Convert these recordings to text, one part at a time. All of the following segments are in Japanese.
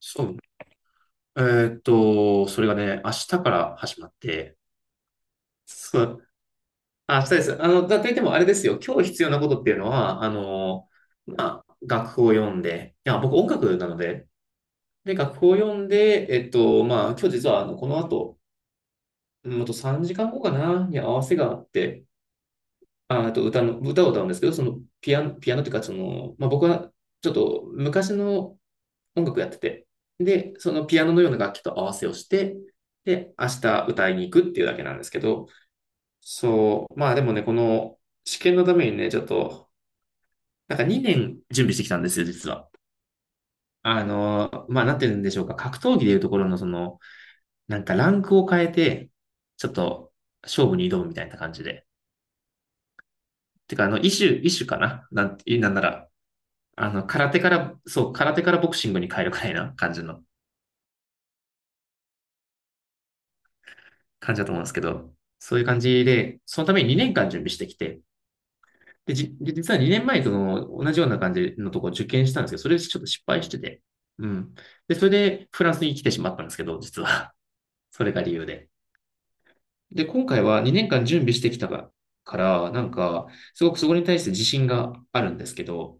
そう。えそれがね、明日から始まって、そう、あ、明日です。だといってもあれですよ。今日必要なことっていうのは、まあ、楽譜を読んで、いや、僕音楽なので、で、楽譜を読んで、まあ、今日実は、この後、うんあと3時間後かな、に合わせがあって、あ、あと歌の、歌を歌うんですけど、ピアノというか、まあ、僕は、ちょっと昔の音楽やってて、で、そのピアノのような楽器と合わせをして、で、明日歌いに行くっていうだけなんですけど、そう、まあでもね、この試験のためにね、ちょっと、なんか2年準備してきたんですよ、実は。まあなってるんでしょうか。格闘技でいうところのその、なんかランクを変えて、ちょっと勝負に挑むみたいな感じで。てか、異種かななんて、なんなら、空手から、そう、空手からボクシングに変えるくらいな感じの感じだと思うんですけど、そういう感じで、そのために2年間準備してきて、で、実は2年前との同じような感じのところを受験したんですけど、それでちょっと失敗してて、うん。で、それでフランスに来てしまったんですけど、実は。それが理由で。で、今回は2年間準備してきたから、なんか、すごくそこに対して自信があるんですけど、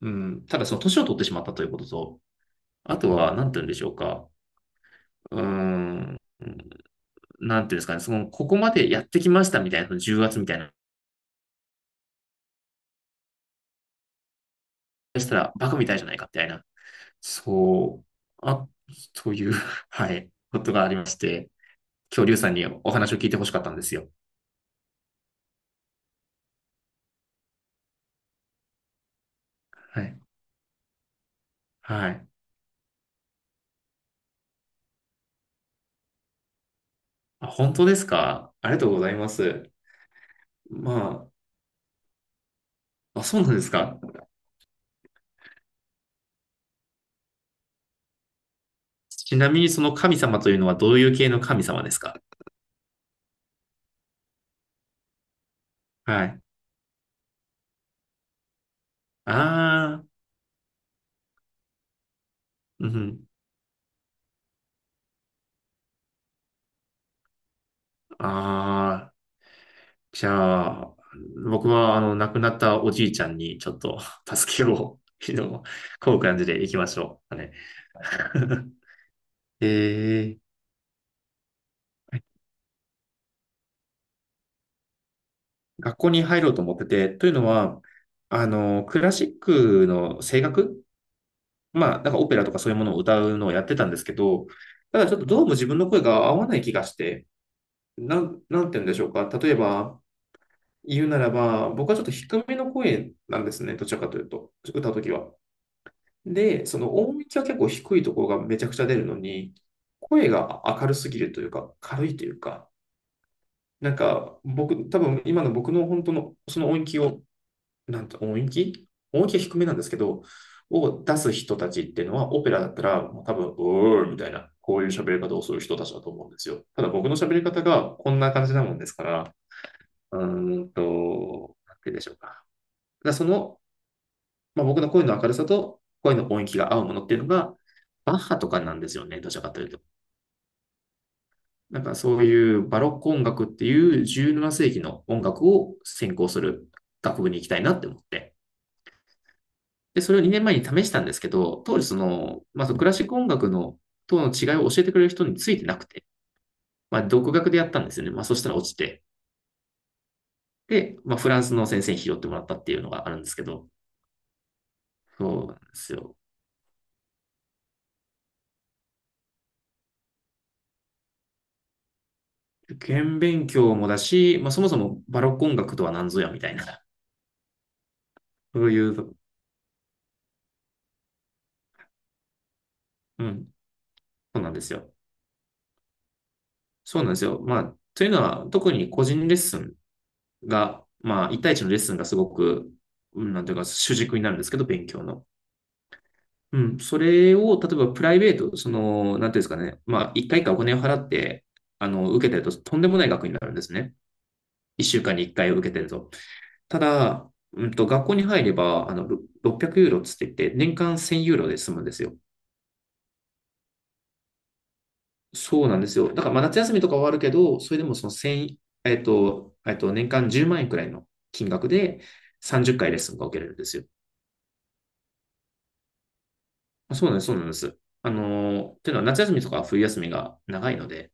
うん、ただその年を取ってしまったということと、あとは、なんて言うんでしょうか。うーん、なんていうんですかね、ここまでやってきましたみたいな、その重圧みたいな、したらバカみたいじゃないかみたいな。そう。あ、という はい、ことがありまして、恐竜さんにお話を聞いてほしかったんですよ。はい。はい。あ、本当ですか？ありがとうございます。まあ、あ、そうなんですか？ちなみにその神様というのはどういう系の神様ですか？はい。ああ、うん、ああ、じゃあ、僕は亡くなったおじいちゃんにちょっと 助けを、こういう感じで行きましょう。あれ えー、学校に入ろうと思ってて、というのは、クラシックの声楽、まあ、なんかオペラとかそういうものを歌うのをやってたんですけど、ただちょっとどうも自分の声が合わない気がして、なんて言うんでしょうか。例えば、言うならば、僕はちょっと低めの声なんですね、どちらかというと、歌うときは。で、その音域は結構低いところがめちゃくちゃ出るのに、声が明るすぎるというか、軽いというか、なんか僕、多分今の僕の本当のその音域を、なんて、音域は低めなんですけど、を出す人たちっていうのは、オペラだったら、もう多分、うーみたいな、こういう喋り方をする人たちだと思うんですよ。ただ僕の喋り方がこんな感じなもんですから、なんて言うでしょうか。だその、まあ、僕の声の明るさと声の音域が合うものっていうのが、バッハとかなんですよね、どちらかというと。なんかそういうバロック音楽っていう17世紀の音楽を専攻する学部に行きたいなって思って。で、それを2年前に試したんですけど、当時その、まあ、そのクラシック音楽のとの違いを教えてくれる人についてなくて、まあ、独学でやったんですよね。まあ、そしたら落ちて。で、まあ、フランスの先生に拾ってもらったっていうのがあるんですけど、そうなんですよ。受験勉強もだし、まあ、そもそもバロック音楽とは何ぞやみたいな、そういう、うん、そうなんですよ。そうなんですよ。まあ、というのは、特に個人レッスンが、まあ、一対一のレッスンがすごく、うん、なんていうか、主軸になるんですけど、勉強の。うん、それを、例えばプライベート、なんていうんですかね、まあ、1回かいかお金を払って、受けてると、とんでもない額になるんですね。1週間に1回を受けてると。ただ、学校に入れば、600ユーロっつって言って、年間1000ユーロで済むんですよ。そうなんですよ。だから、まあ、夏休みとかはあるけど、それでもその1年間10万円くらいの金額で30回レッスンが受けれるんですよ。あそうなんです、そうなんです。というのは夏休みとか冬休みが長いので、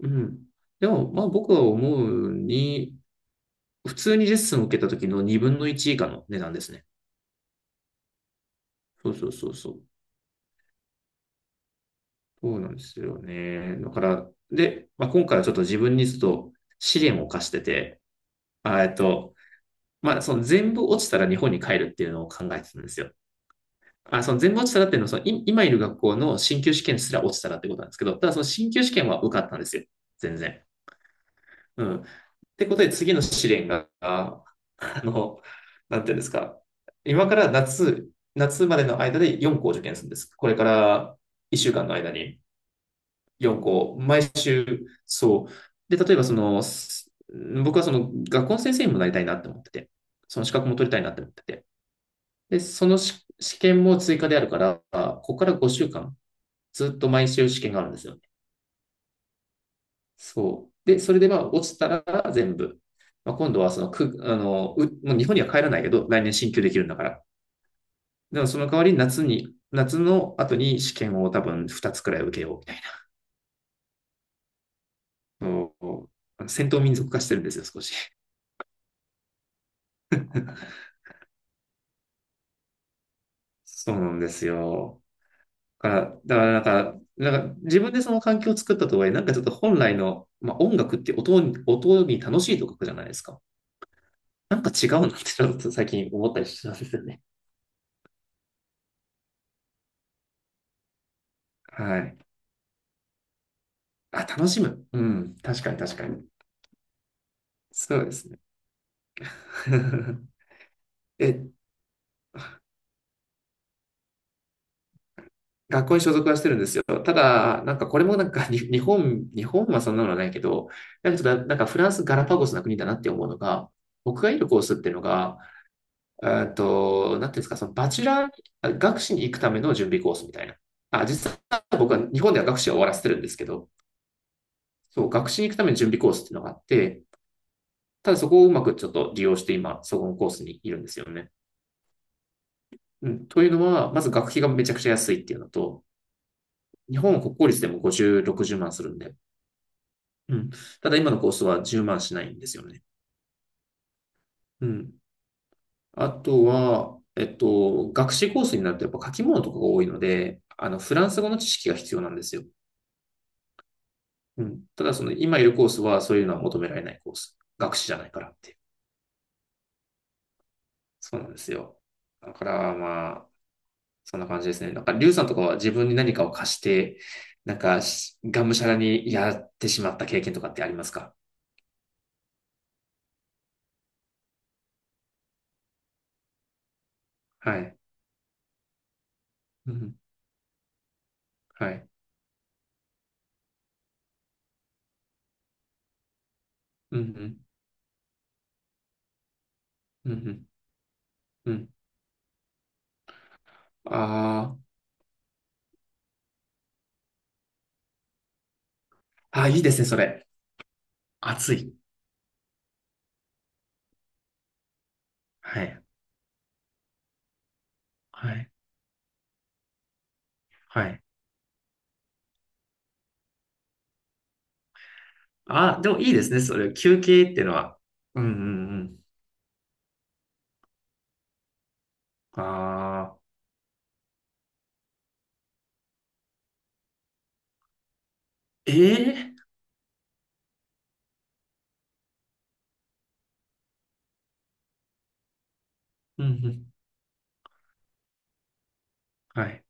うん。でも、まあ僕は思うに、普通にレッスンを受けた時の2分の1以下の値段ですね。そうそうそうそう。そうなんですよね。だから、で、まあ、今回はちょっと自分にちょっと試練を課してて、あえっと、まあその全部落ちたら日本に帰るっていうのを考えてたんですよ。あ、その全部落ちたらっていうのは、その今いる学校の進級試験すら落ちたらってことなんですけど、ただその進級試験は受かったんですよ。全然。うん。ってことで次の試練が、なんていうんですか。今から夏までの間で4校受験するんです。これから1週間の間に4校、毎週、そう。で、例えばその、僕はその学校の先生にもなりたいなって思ってて、その資格も取りたいなって思ってて。で、その試験も追加であるから、ここから5週間、ずっと毎週試験があるんですよ。そう。で、それでまあ落ちたら全部。まあ、今度はそのく、あの、う、もう日本には帰らないけど、来年進級できるんだから。でもその代わり夏の後に試験を多分2つくらい受けようみたいな。戦闘民族化してるんですよ、少し。そうなんですよ。だから、なんか、自分でその環境を作ったとはいえ、なんかちょっと本来の、まあ、音楽って音に楽しいと書くじゃないですか。なんか違うなってちょっと最近思ったりしたんですよね。はい。あ、楽しむ。うん。確かに確かに。そうですね。え、学校に所属はしてるんですよ。ただ、なんかこれもなんかに日本はそんなのはないけど、なんかちょっとなんかフランスガラパゴスな国だなって思うのが、僕がいるコースっていうのが、なんていうんですか、そのバチェラー学士に行くための準備コースみたいな。あ、実は僕は日本では学士は終わらせてるんですけど、そう、学士に行くための準備コースっていうのがあって、ただそこをうまくちょっと利用して今、そこのコースにいるんですよね。うん。というのは、まず学費がめちゃくちゃ安いっていうのと、日本は国公立でも50、60万するんで。うん。ただ今のコースは10万しないんですよね。うん。あとは、学士コースになるとやっぱ書き物とかが多いので、フランス語の知識が必要なんですよ。うん。ただその今いるコースはそういうのは求められないコース。学士じゃないからっていう。そうなんですよ。だからまあ、そんな感じですね。なんか、リュウさんとかは自分に何かを貸して、なんかし、がむしゃらにやってしまった経験とかってありますか？はい。うん。はい。うん。うん。うん。ああー。あー、いいですね、それ。暑い。はい。はい。はい。あー、でもいいですね、それ、休憩っていうのは。うんうんうん。ああ。ええ、うんうん。はい。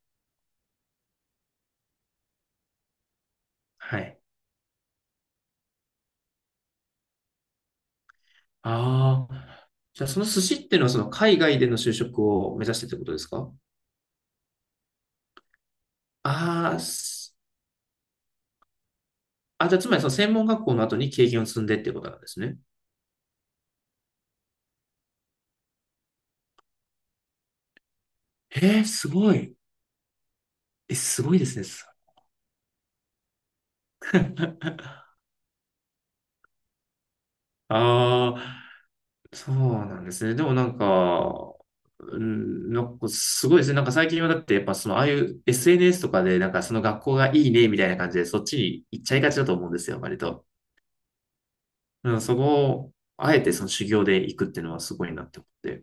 はい。ああ。じゃあ、その寿司っていうのは、その海外での就職を目指してってことですか？ああー、あ、じゃあ、つまりその専門学校の後に経験を積んでってことなんですね。えー、すごい。え、すごいですね。ああ。そうなんですね。でもなんか、うん、なんかすごいですね。なんか最近はだってやっぱそのああいう SNS とかでなんかその学校がいいねみたいな感じでそっちに行っちゃいがちだと思うんですよ、割と。うん、そこをあえてその修行で行くっていうのはすごいなって思って。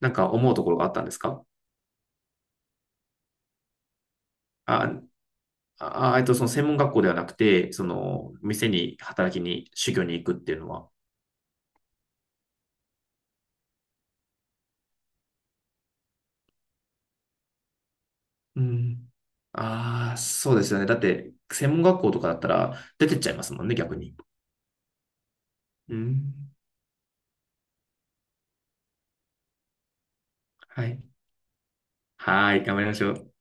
なんか思うところがあったんですか？あ、その専門学校ではなくて、その店に働きに修行に行くっていうのは。うん。ああ、そうですよね。だって専門学校とかだったら出てっちゃいますもんね、逆に。うん。はい。はい、頑張りましょう。